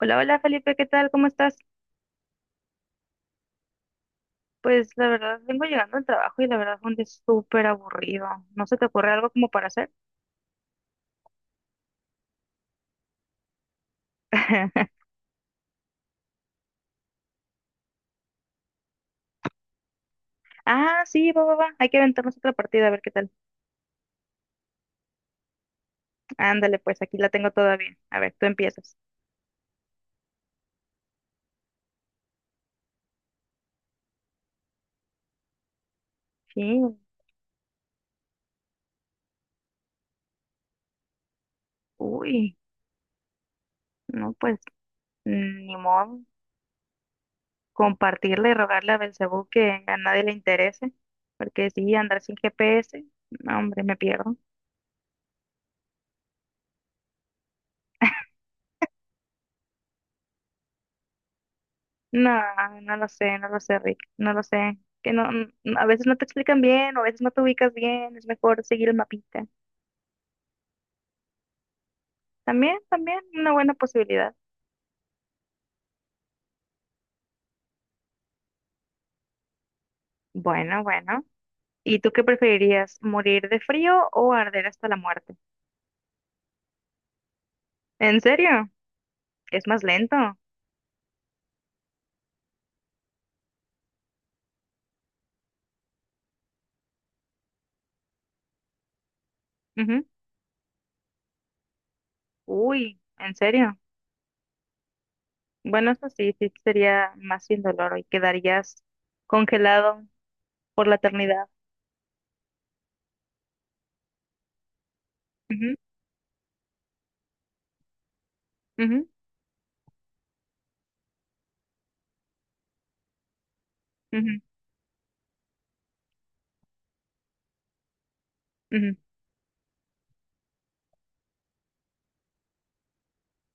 Hola, hola Felipe, ¿qué tal? ¿Cómo estás? Pues la verdad, vengo llegando al trabajo y la verdad fue un día súper aburrido. ¿No se te ocurre algo como para hacer? Ah, sí, va, va, va. Hay que aventarnos otra partida, a ver qué tal. Ándale, pues aquí la tengo todavía. A ver, tú empiezas. Sí, uy, no, pues ni modo. Compartirle y rogarle a Belcebú que a nadie le interese, porque sí, andar sin GPS, no, hombre, me pierdo. No, no lo sé, no lo sé, Rick, no lo sé. Que no, a veces no te explican bien, o a veces no te ubicas bien, es mejor seguir el mapita. También, también, una buena posibilidad. Bueno, bueno. ¿Y tú qué preferirías, morir de frío o arder hasta la muerte? ¿En serio? Es más lento. Ujú. Uy, ¿en serio? Bueno, eso sí, sí sería más sin dolor y quedarías congelado por la eternidad. Ujú, ujú, ujú, ujú.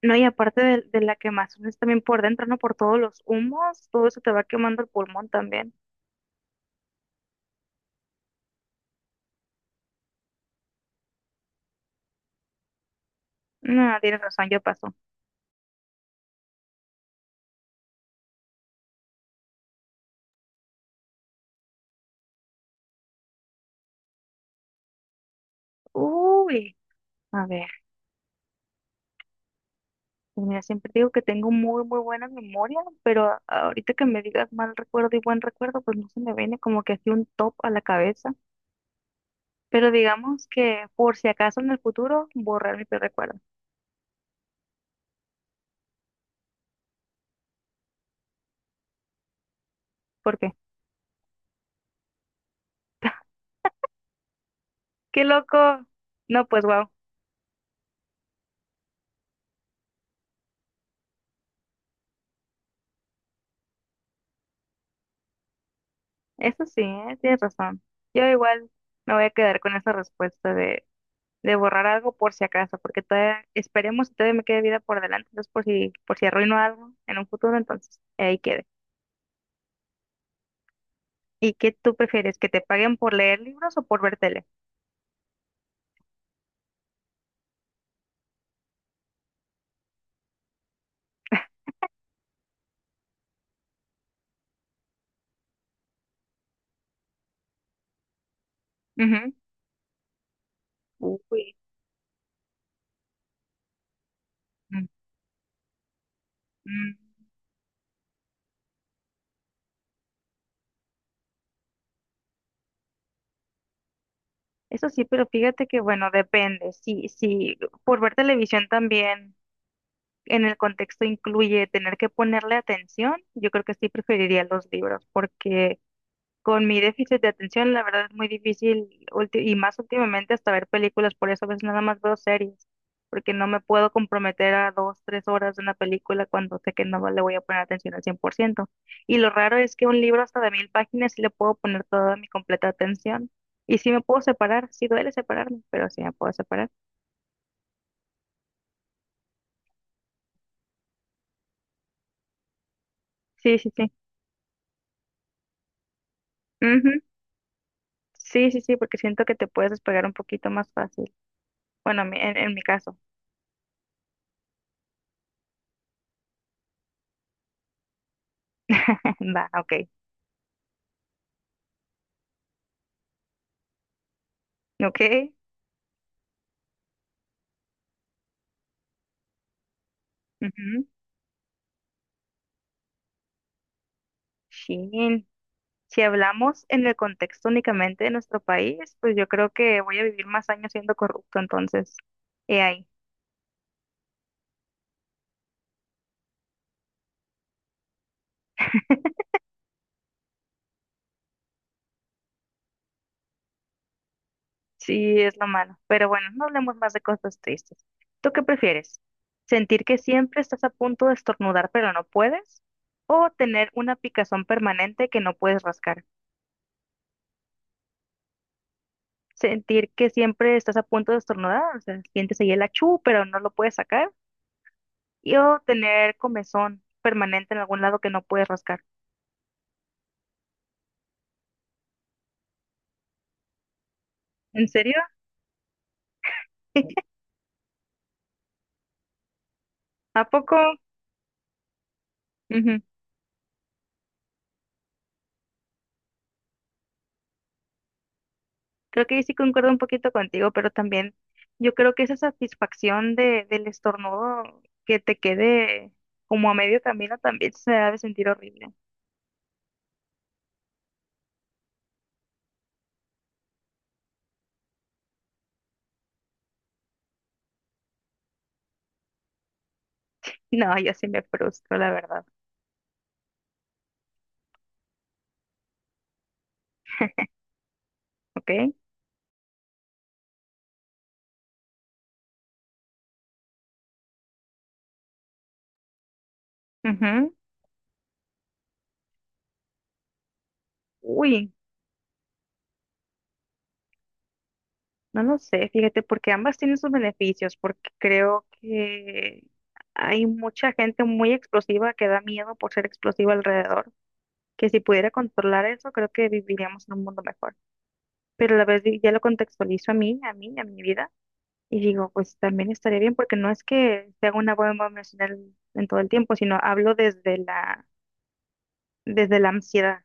No, y aparte de la quemazón es también por dentro, ¿no? Por todos los humos, todo eso te va quemando el pulmón también. No, tienes razón, ya pasó. Uy, a ver, pues mira, siempre digo que tengo muy, muy buena memoria, pero ahorita que me digas mal recuerdo y buen recuerdo, pues no se me viene como que así un top a la cabeza. Pero digamos que por si acaso en el futuro, borrar mi peor recuerdo. ¿Por qué? ¡Qué loco! No, pues wow, eso sí, ¿eh? Tienes razón. Yo igual me voy a quedar con esa respuesta de borrar algo por si acaso, porque todavía esperemos que todavía me quede vida por delante, entonces por si arruino algo en un futuro, entonces ahí quede. ¿Y qué tú prefieres, que te paguen por leer libros o por ver tele? Ujú. Uy. Mm, mm. Eso sí, pero fíjate que bueno, depende. Si por ver televisión también en el contexto incluye tener que ponerle atención, yo creo que sí preferiría los libros, porque con mi déficit de atención, la verdad es muy difícil, y más últimamente hasta ver películas, por eso a veces nada más veo series, porque no me puedo comprometer a dos, tres horas de una película cuando sé que no le voy a poner atención al 100%. Y lo raro es que un libro hasta de 1000 páginas sí le puedo poner toda mi completa atención, y sí me puedo separar, sí duele separarme, pero sí me puedo separar. Sí, sí, sí. Ujú. Sí, sí, sí, porque siento que te puedes despegar un poquito más fácil. Bueno, en mi caso. Va, ok. Ok. Ujú. Sí. Si hablamos en el contexto únicamente de nuestro país, pues yo creo que voy a vivir más años siendo corrupto, entonces, he ahí, sí es lo malo. Pero bueno, no hablemos más de cosas tristes. ¿Tú qué prefieres? ¿Sentir que siempre estás a punto de estornudar pero no puedes? ¿O tener una picazón permanente que no puedes rascar? ¿Sentir que siempre estás a punto de estornudar? O sea, sientes ahí el achú pero no lo puedes sacar. ¿Y o tener comezón permanente en algún lado que no puedes rascar? ¿En serio? ¿A poco? Ujú. Creo que ahí sí concuerdo un poquito contigo, pero también yo creo que esa satisfacción del estornudo que te quede como a medio camino también se ha de sentir horrible. No, yo sí me frustro, la verdad. ¿Ok? Ujú. Uy, no lo sé, fíjate, porque ambas tienen sus beneficios, porque creo que hay mucha gente muy explosiva que da miedo por ser explosiva alrededor, que si pudiera controlar eso, creo que viviríamos en un mundo mejor. Pero a la vez ya lo contextualizo a mi vida. Y digo, pues también estaría bien porque no es que sea una bomba emocional en todo el tiempo, sino hablo desde la ansiedad.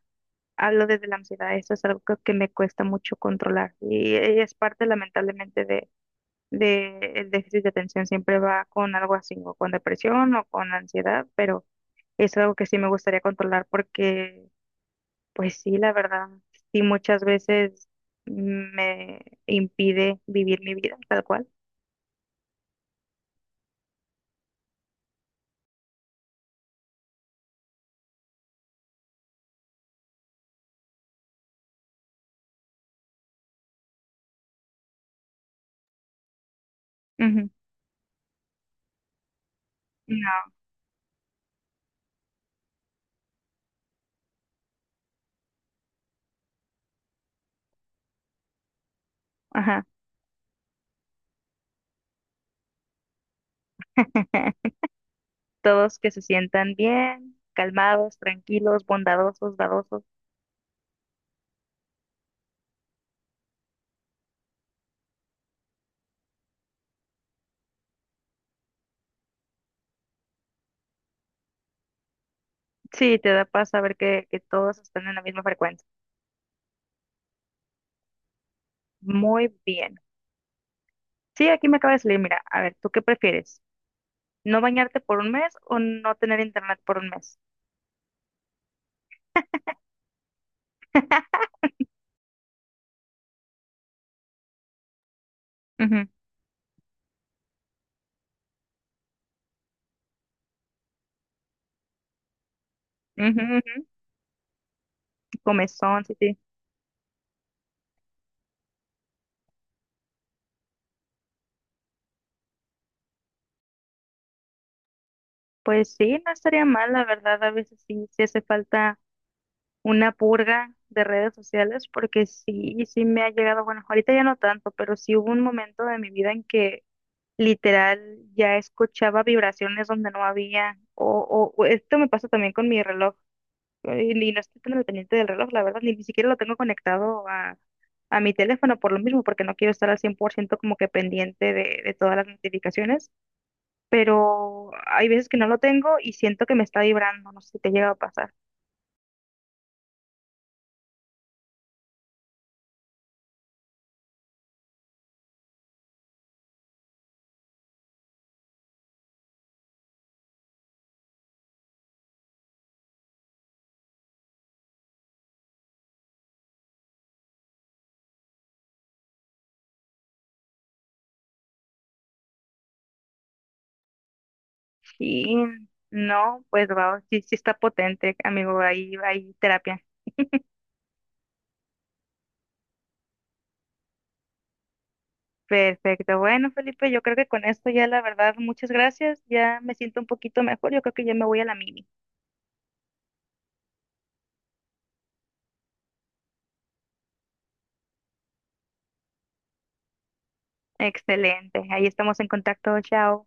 Hablo desde la ansiedad. Eso es algo que me cuesta mucho controlar. Y, es parte, lamentablemente, de el déficit de atención. Siempre va con algo así, o con depresión o con ansiedad, pero es algo que sí me gustaría controlar porque, pues sí, la verdad, sí muchas veces me impide vivir mi vida tal cual. Ujú. No, ajá. Todos que se sientan bien, calmados, tranquilos, bondadosos, dadosos. Sí, te da paz saber que todos están en la misma frecuencia. Muy bien. Sí, aquí me acaba de salir, mira, a ver, ¿tú qué prefieres? ¿No bañarte por un mes o no tener internet por un mes? Ujú, ujú, ujú. Comezón, sí, sí. Pues sí, no estaría mal, la verdad, a veces sí, sí hace falta una purga de redes sociales, porque sí, sí me ha llegado, bueno, ahorita ya no tanto, pero sí hubo un momento de mi vida en que literal, ya escuchaba vibraciones donde no había, o, o esto me pasa también con mi reloj, y no estoy tan al pendiente del reloj, la verdad, ni siquiera lo tengo conectado a, mi teléfono por lo mismo, porque no quiero estar al 100% como que pendiente de todas las notificaciones, pero hay veces que no lo tengo y siento que me está vibrando, no sé si te llega a pasar. Y no, pues va, sí, sí está potente, amigo, ahí, terapia. Perfecto. Bueno, Felipe, yo creo que con esto ya la verdad, muchas gracias. Ya me siento un poquito mejor. Yo creo que ya me voy a la mini. Excelente. Ahí estamos en contacto. Chao.